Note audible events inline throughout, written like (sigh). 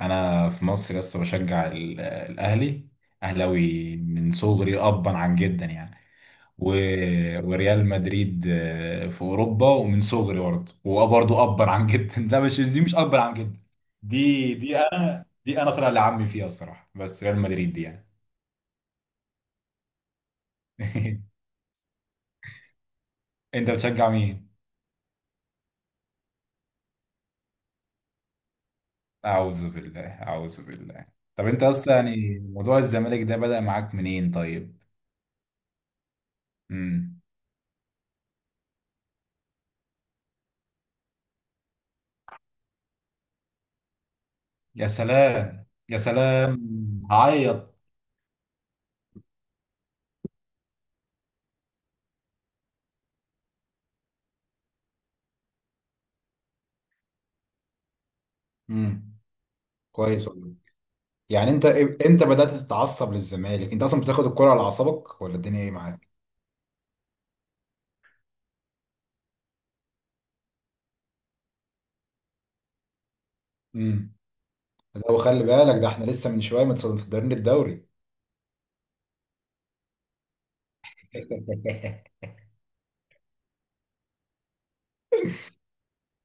انا في مصر لسه بشجع الاهلي. اهلاوي من صغري ابا عن جدا يعني. و... وريال مدريد في اوروبا، ومن صغري برضه ابا عن جدا. (laughs) ده مش دي مش ابا عن جدا. دي انا طلع لعمي فيها الصراحه، بس ريال مدريد دي يعني. (laughs) انت بتشجع مين؟ اعوذ بالله، اعوذ بالله. طب انت اصلا يعني موضوع الزمالك ده بدأ معاك منين طيب؟ امم. يا سلام، يا سلام. هعيط. امم. كويس والله. يعني انت بدأت تتعصب للزمالك؟ انت اصلا بتاخد الكرة على اعصابك ولا الدنيا ايه معاك؟ امم. لو خلي بالك ده احنا لسه من شوية متصدرين الدوري. (laughs)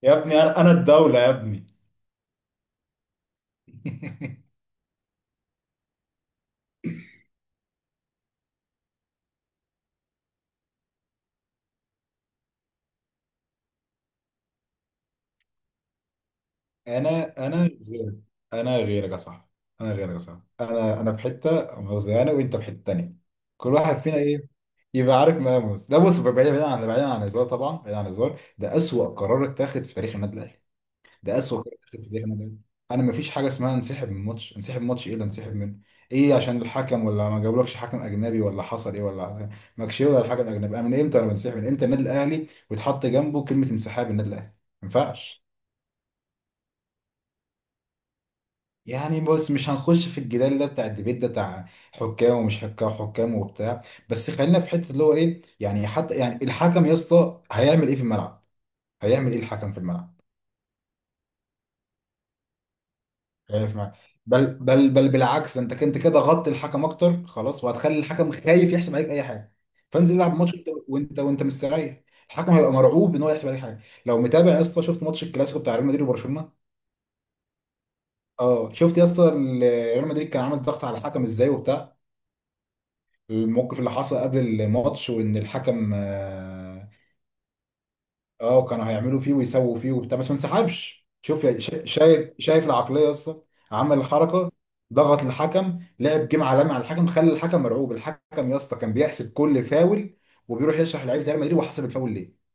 يا ابني، انا الدولة يا ابني. (laughs) انا غيرك. انا غيرك يا صاحبي، انا غيرك يا صاحبي. انا في حتة مؤاخذة، انا وانت في حتة تانية. كل واحد فينا ايه؟ يبقى عارف مقامه. ده بص، بعيد عن الهزار، طبعا بعيد عن الهزار، ده أسوأ قرار اتاخد في تاريخ النادي الاهلي. ده اسوأ قرار في تاريخ النادي. انا ما فيش حاجه اسمها انسحب من ماتش. انسحب من ماتش؟ ايه اللي انسحب منه؟ ايه، عشان الحكم؟ ولا ما جابولكش حكم اجنبي؟ ولا حصل ايه؟ ولا ماكشيه؟ ولا الحكم الاجنبي؟ انا من امتى انا بنسحب؟ من امتى النادي الاهلي ويتحط جنبه كلمه انسحاب؟ النادي الاهلي ما ينفعش. يعني بص، مش هنخش في الجدال ده، بتاع الديبيت ده، بتاع حكام ومش حكام، حكام وبتاع. بس خلينا في حته، اللي هو ايه يعني، حتى يعني الحكم يا اسطى هيعمل ايه في الملعب؟ هيعمل ايه الحكم في الملعب؟ خايف معاك؟ بل بالعكس، ده انت كنت كده غطي الحكم اكتر خلاص، وهتخلي الحكم خايف يحسب عليك اي حاجه. فانزل العب ماتش، وانت مستريح. الحكم هيبقى مرعوب ان هو يحسب عليك حاجه. لو متابع يا اسطى، شفت ماتش الكلاسيكو بتاع ريال مدريد وبرشلونه؟ اه، شفت يا اسطى ريال مدريد كان عامل ضغط على الحكم ازاي وبتاع؟ الموقف اللي حصل قبل الماتش، وان الحكم. اه، كانوا هيعملوا فيه ويسووا فيه وبتاع، بس ما انسحبش. شوف شايف العقليه يا اسطى؟ عمل الحركه، ضغط الحكم، لعب جيم عالمي على الحكم، خلى الحكم مرعوب. الحكم يا اسطى كان بيحسب كل فاول، وبيروح يشرح لعيبه ريال مدريد وحسب الفاول ليه.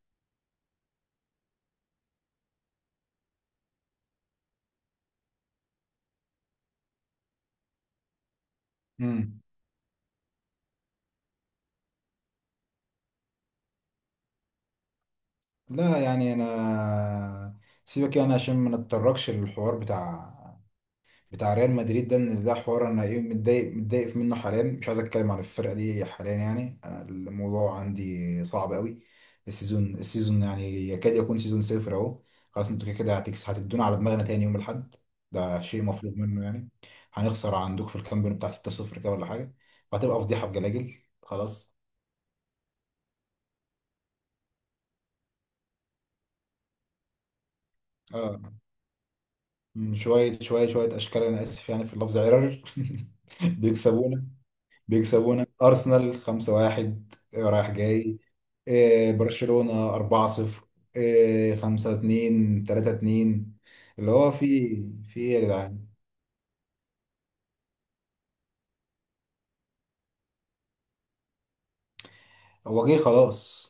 امم. لا، يعني انا، سيبك يعني عشان ما نتطرقش للحوار بتاع ريال مدريد ده، ان ده حوار انا ايه، متضايق متضايق منه حاليا، مش عايز اتكلم عن الفرقه دي حاليا. يعني انا الموضوع عندي صعب قوي. السيزون يعني يكاد يكون سيزون صفر اهو. خلاص انتوا كده كده هتدونا على دماغنا تاني يوم الاحد. ده شيء مفروغ منه يعني. هنخسر عندك في الكامب نو بتاع 6-0 كده ولا حاجه، وهتبقى فضيحه بجلاجل. خلاص. اه. شويه شويه شويه اشكال، انا اسف يعني في اللفظ (laughs) بيكسبونا بيكسبونا أرسنال 5-1 رايح جاي. برشلونة 4-0. 5-2، 3-2. اللي هو في إيه يا جدعان؟ هو جه خلاص.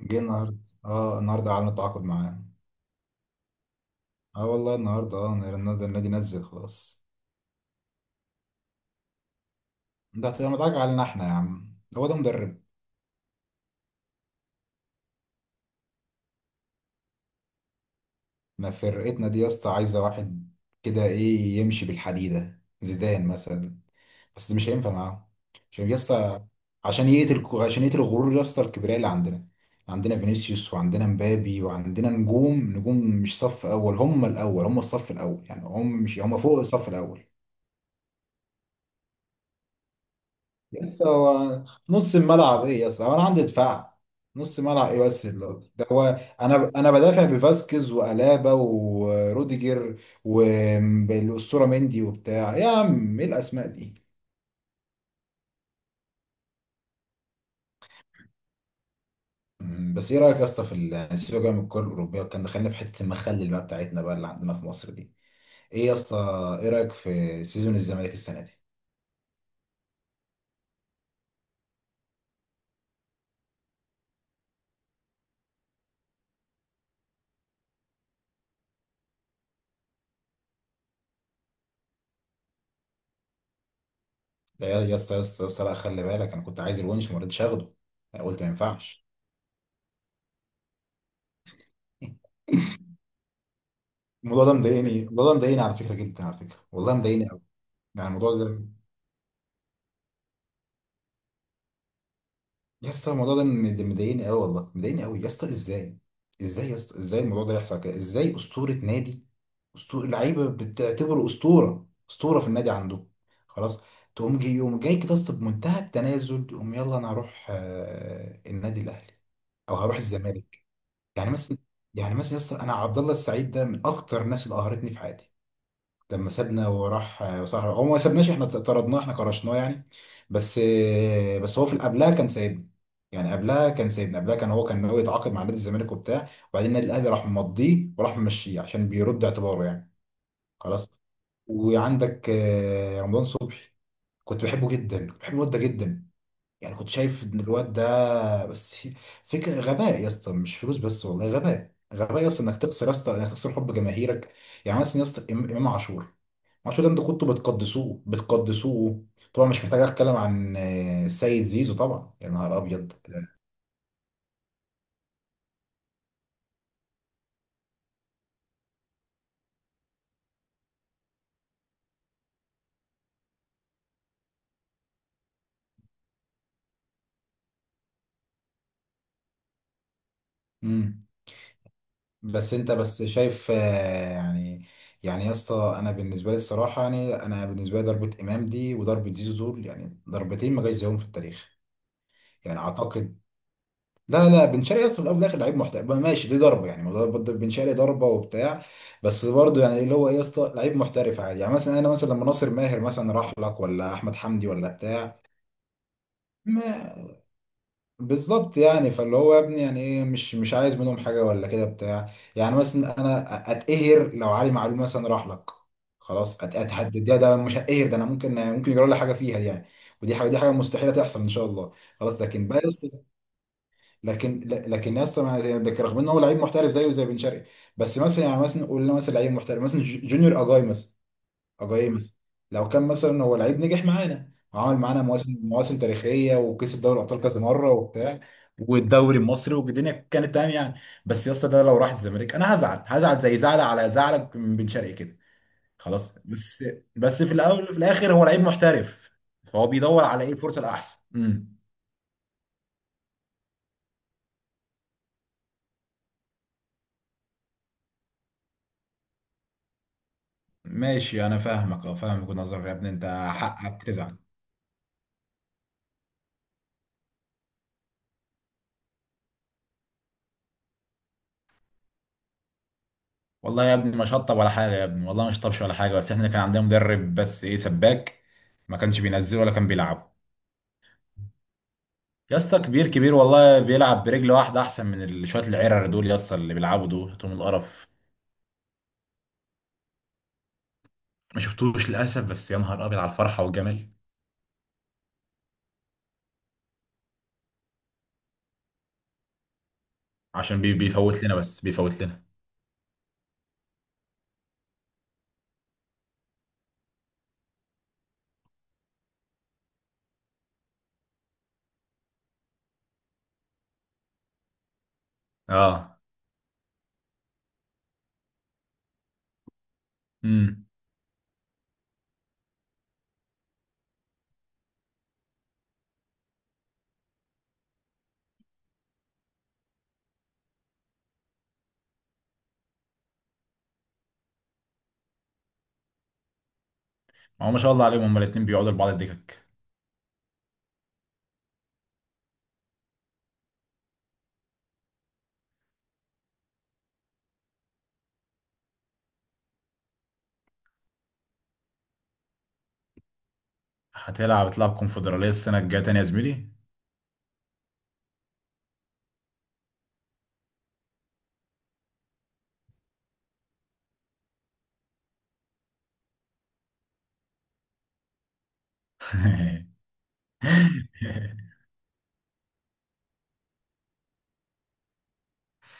جه النهارده. اه، النهارده اعلنوا التعاقد معاه. اه والله النهارده، اه، النادي نزل خلاص. ده هتبقى متعاقد علينا احنا يا عم؟ هو ده مدرب؟ ما فرقتنا دي يا اسطى عايزة واحد كده، ايه، يمشي بالحديدة، زيدان مثلا. بس ده مش هينفع معاهم. عشان يا اسطى، عشان يقتل الغرور يا اسطى، الكبرياء اللي عندنا. عندنا فينيسيوس وعندنا مبابي وعندنا نجوم، نجوم مش صف اول، هم الاول، هم الصف الاول، يعني هم، مش هم، فوق الصف الاول. لسه هو. نص الملعب ايه يا اسطى؟ هو انا عندي دفاع، نص ملعب ايه بس ده؟ هو انا بدافع بفاسكيز والابا والروديجر والاسطوره مندي وبتاع، يا عم ايه الاسماء دي. بس ايه رايك يا اسطى في سيبك بقى من الكره الاوروبيه، كان دخلنا في حته المخلل بقى بتاعتنا، بقى اللي عندنا في مصر دي. ايه يا اسطى؟ ايه رايك في سيزون الزمالك السنه دي؟ ده يا اسطى، يا اسطى، يا اسطى، لا، خلي بالك، انا كنت عايز الونش وما رضيتش اخده. انا قلت ما ينفعش. الموضوع ده مضايقني، الموضوع ده مضايقني على فكره جدا، على فكره والله مضايقني قوي. يعني الموضوع ده، يا اسطى الموضوع ده مضايقني قوي، والله مضايقني قوي يا اسطى. ازاي، ازاي يا اسطى، ازاي الموضوع ده يحصل كده؟ ازاي اسطوره نادي، اسطوره لعيبه بتعتبره اسطوره، اسطوره في النادي عندهم، خلاص، تقوم جاي يوم جاي كده يا اسطى بمنتهى التنازل تقوم يلا انا هروح النادي الاهلي او هروح الزمالك؟ يعني مثلا يعني مثلا يا اسطى انا عبد الله السعيد ده من اكتر الناس اللي قهرتني في حياتي. لما سابنا وراح صحراء، هو ما سابناش، احنا طردناه، احنا كرشناه يعني. بس بس هو في قبلها كان سايبنا. يعني قبلها كان سايبنا، قبلها هو كان ناوي يتعاقد مع نادي الزمالك وبتاع، وبعدين النادي الاهلي راح مضيه وراح ممشيه عشان بيرد اعتباره يعني. خلاص. وعندك رمضان صبحي، كنت بحبه جدا، كنت بحب الواد ده جدا. يعني كنت شايف ان الواد ده، بس فكره، غباء يا اسطى، مش فلوس بس والله، غباء، غباء يا اسطى انك تخسر، يا اسطى انك تخسر حب جماهيرك. يعني مثلا يا اسطى امام عاشور، عاشور ده انتوا كنتوا بتقدسوه بتقدسوه. طبعا مش محتاج اتكلم عن السيد زيزو طبعا، يا نهار ابيض. امم. بس انت بس شايف. يعني يعني يا اسطى، انا بالنسبه لي الصراحه يعني، انا بالنسبه لي ضربه امام دي وضربه زيزو دول يعني ضربتين ما جاش زيهم في التاريخ. يعني اعتقد، لا لا، بن شرقي اصلا في الاول وفي الاخر لعيب محترف بقى، ماشي، دي ضربه يعني، موضوع برضه بن شرقي، ضربه وبتاع، بس برضه يعني اللي هو ايه يا اسطى، لعيب محترف عادي. يعني مثلا انا، مثلا لما ناصر ماهر مثلا راح لك، ولا احمد حمدي، ولا بتاع. ما بالظبط، يعني فاللي هو يا ابني يعني، ايه، مش عايز منهم حاجه ولا كده بتاع. يعني مثلا انا اتقهر لو علي معلول مثلا راح لك، خلاص اتهدد. ده مش هتقهر، ده انا ممكن يجرى لي حاجه فيها دي يعني. ودي حاجه مستحيله تحصل ان شاء الله. خلاص لكن بقى يا اسطى، لكن ل- لكن يا اسطى ما- لكن رغم ان هو لعيب محترف زيه زي بن شرقي، بس مثلا، يعني مثلا قلنا، مثلا لعيب محترف مثلا جونيور اجاي مثلا. اجاي مثلا، لو كان مثلا هو لعيب نجح معانا وعمل معانا مواسم، مواسم تاريخيه وكسب دوري الابطال كذا مره وبتاع، والدوري المصري، والدنيا كانت تمام يعني، بس يا اسطى ده لو راح الزمالك انا هزعل، هزعل زي زعل، على زعلك من بن شرقي كده، خلاص. بس في الاول وفي الاخر هو لعيب محترف، فهو بيدور على ايه، الفرصه الاحسن. امم. ماشي انا فاهمك وجهة نظرك يا ابني. انت حقك تزعل. والله يا ابني ما شطب ولا حاجه يا ابني، والله ما شطبش ولا حاجه، بس احنا كان عندنا مدرب بس، ايه، سباك، ما كانش بينزله ولا كان بيلعبه. يا اسطى كبير، كبير والله، بيلعب برجل واحده احسن من شويه العرر دول يا اسطى، اللي بيلعبوا دول توم القرف. ما شفتوش للاسف، بس يا نهار ابيض على الفرحه والجمال. عشان بيفوت لنا، بس بيفوت لنا. اه. امم. هو ما شاء الله عليهم هما الاتنين بيقعدوا لبعض الدكك. تلعب كونفدراليه السنه الجايه تاني يا زميلي.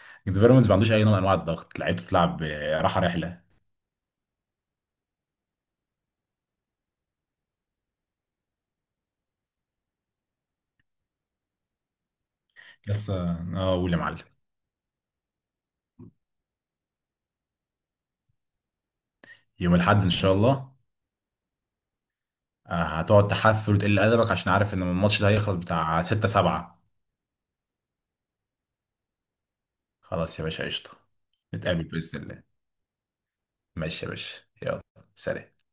(laughs) بيراميدز ما عندوش اي نوع من انواع الضغط، لعيبته بتلعب راحه، رحله. بس اه. قول يا معلم. يوم الاحد ان شاء الله. هتقعد تحفل وتقل ادبك عشان عارف ان الماتش ده هيخلص بتاع 6 7. خلاص يا باشا قشطه. نتقابل باذن الله. ماشي يا باشا، يلا. سلام.